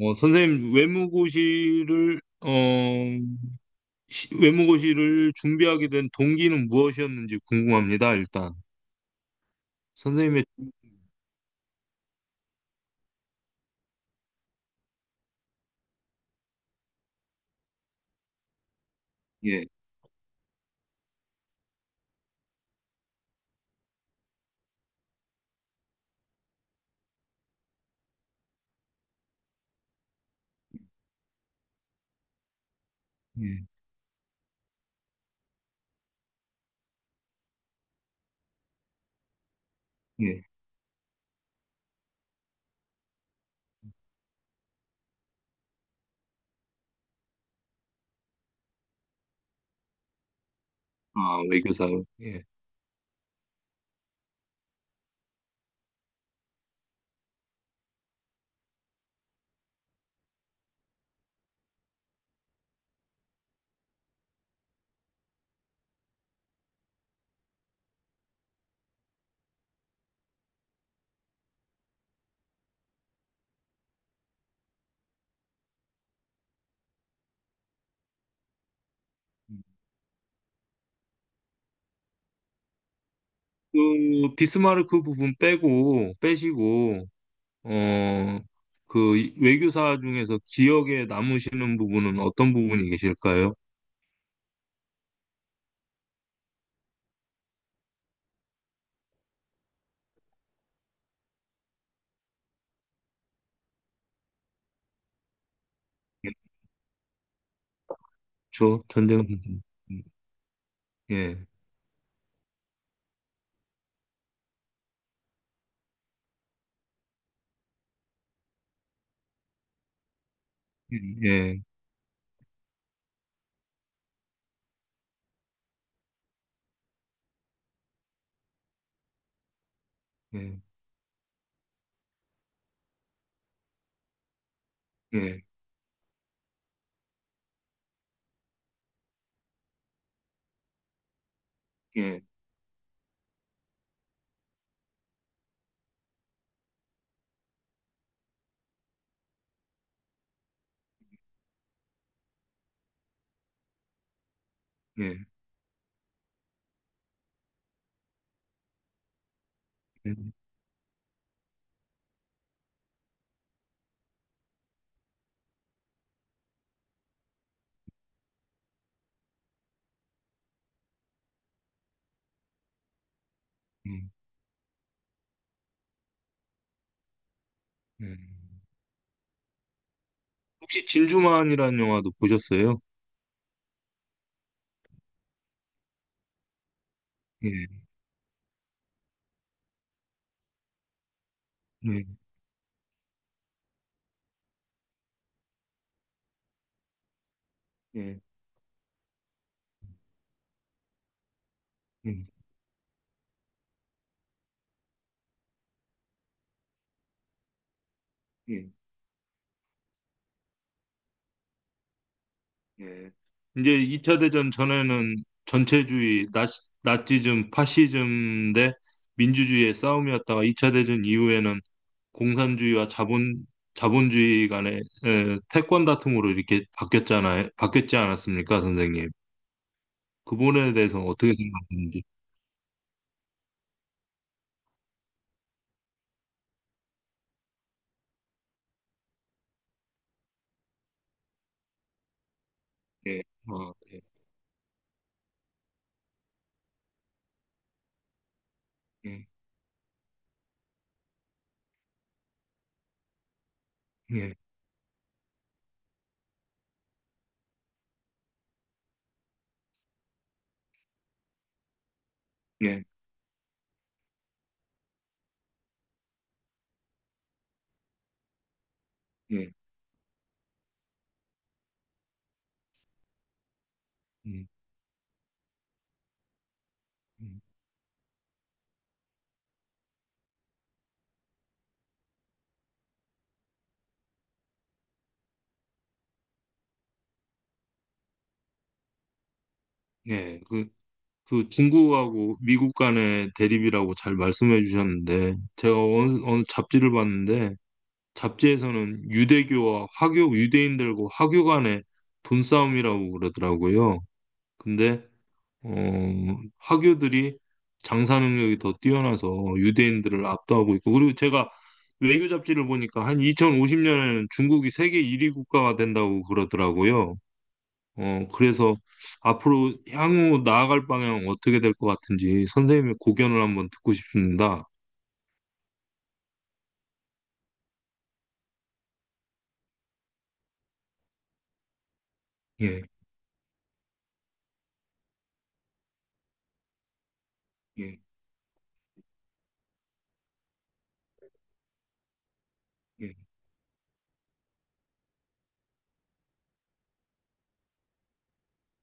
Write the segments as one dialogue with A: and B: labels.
A: 선생님, 외무고시를, 외무고시를 준비하게 된 동기는 무엇이었는지 궁금합니다, 일단. 선생님의, 예, 예, 예. 아, 외교사요. 예. 그, 비스마르크 부분 빼고, 빼시고, 어, 그, 외교사 중에서 기억에 남으시는 부분은 어떤 부분이 계실까요? 예, 저, 전쟁 선생님. 예, 예, 예, 예, 예, 예, 예, 예, 예. 혹시 진주만이라는 영화도 보셨어요? 예, 예, 예, 예, 예. 예. 이제 2차 대전 전에는 전체주의, 나, 나치즘, 파시즘 대 민주주의의 싸움이었다가 2차 대전 이후에는 공산주의와 자본, 자본주의 간의 에, 패권 다툼으로 이렇게 바뀌었잖아요. 바뀌었지 않았습니까, 선생님? 그 부분에 대해서 어떻게 생각하는지. 예, 어, 예, 예, 예, 예, 예, 음, 음. 예. 그 중국하고 미국 간의 대립이라고 잘 말씀해 주셨는데 제가 어느 잡지를 봤는데 잡지에서는 유대교와 화교 유대인들과 화교 간의 돈싸움이라고 그러더라고요. 근데 어, 화교들이 장사 능력이 더 뛰어나서 유대인들을 압도하고 있고 그리고 제가 외교 잡지를 보니까 한 2050년에는 중국이 세계 1위 국가가 된다고 그러더라고요. 그래서 앞으로 향후 나아갈 방향 어떻게 될 것 같은지 선생님의 고견을 한번 듣고 싶습니다. 예, 예, 예,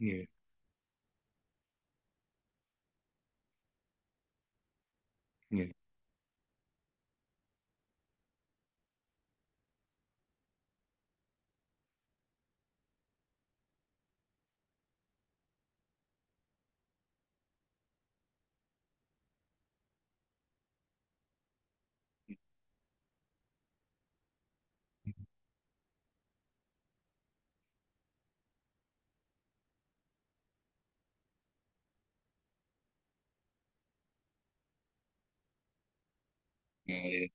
A: 예, 예, 아, 예,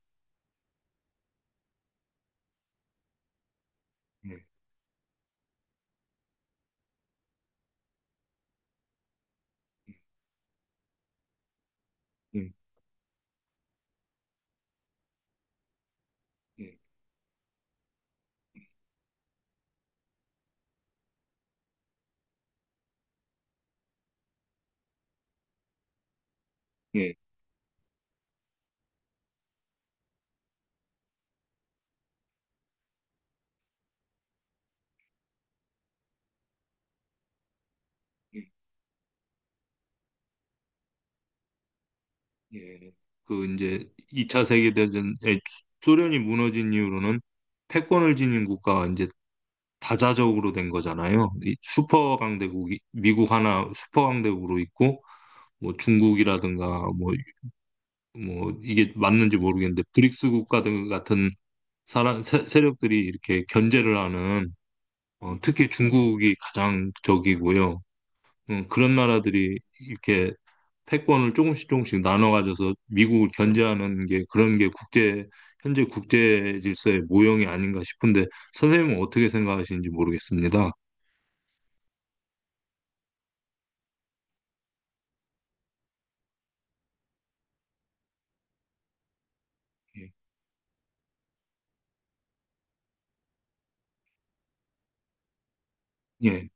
A: 예, 예, 예, 예, 예, 예. 그 이제 2차 세계대전에 소련이 무너진 이후로는 패권을 지닌 국가가 이제 다자적으로 된 거잖아요. 이 슈퍼 강대국이 미국 하나 슈퍼 강대국으로 있고 뭐 중국이라든가 뭐 뭐 이게 맞는지 모르겠는데 브릭스 국가들 같은 세력들이 이렇게 견제를 하는, 어, 특히 중국이 가장 적이고요. 그런 나라들이 이렇게 패권을 조금씩 조금씩 나눠 가져서 미국을 견제하는 게 현재 국제 질서의 모형이 아닌가 싶은데 선생님은 어떻게 생각하시는지 모르겠습니다. 예. 예.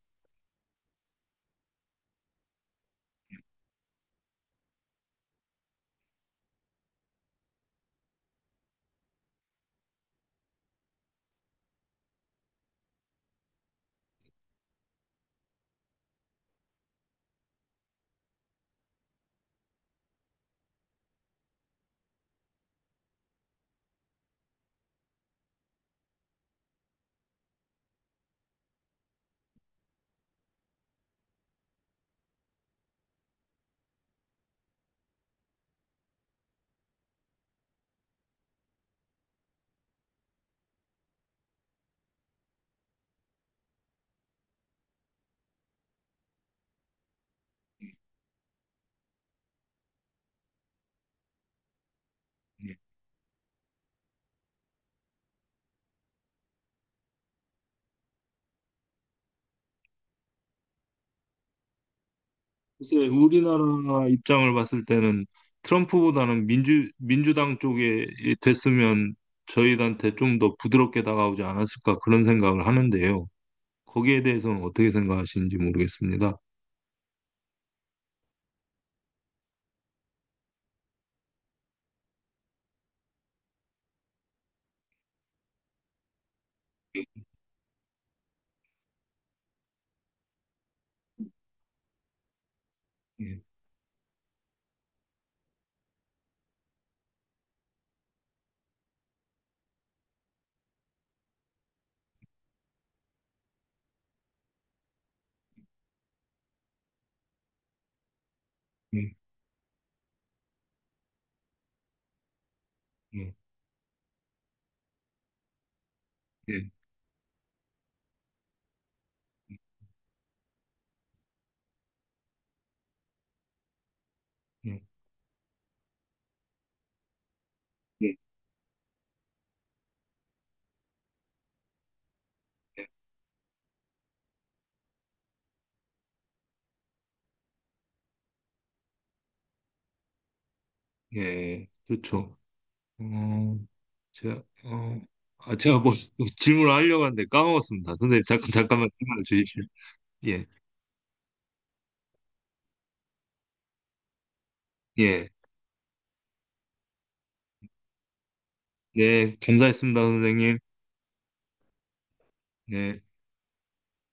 A: 글쎄, 우리나라 입장을 봤을 때는 트럼프보다는 민주당 쪽에 됐으면 저희한테 좀 더 부드럽게 다가오지 않았을까 그런 생각을 하는데요. 거기에 대해서는 어떻게 생각하시는지 모르겠습니다. 예, 예, 예, 예, 예, 예, 예, 예. 그렇죠. 어, 제가, 어, 제가 뭐 질문을 하려고 하는데 까먹었습니다. 선생님, 잠깐만 질문을 주십시오. 예, 예, 네, 감사했습니다, 선생님. 네.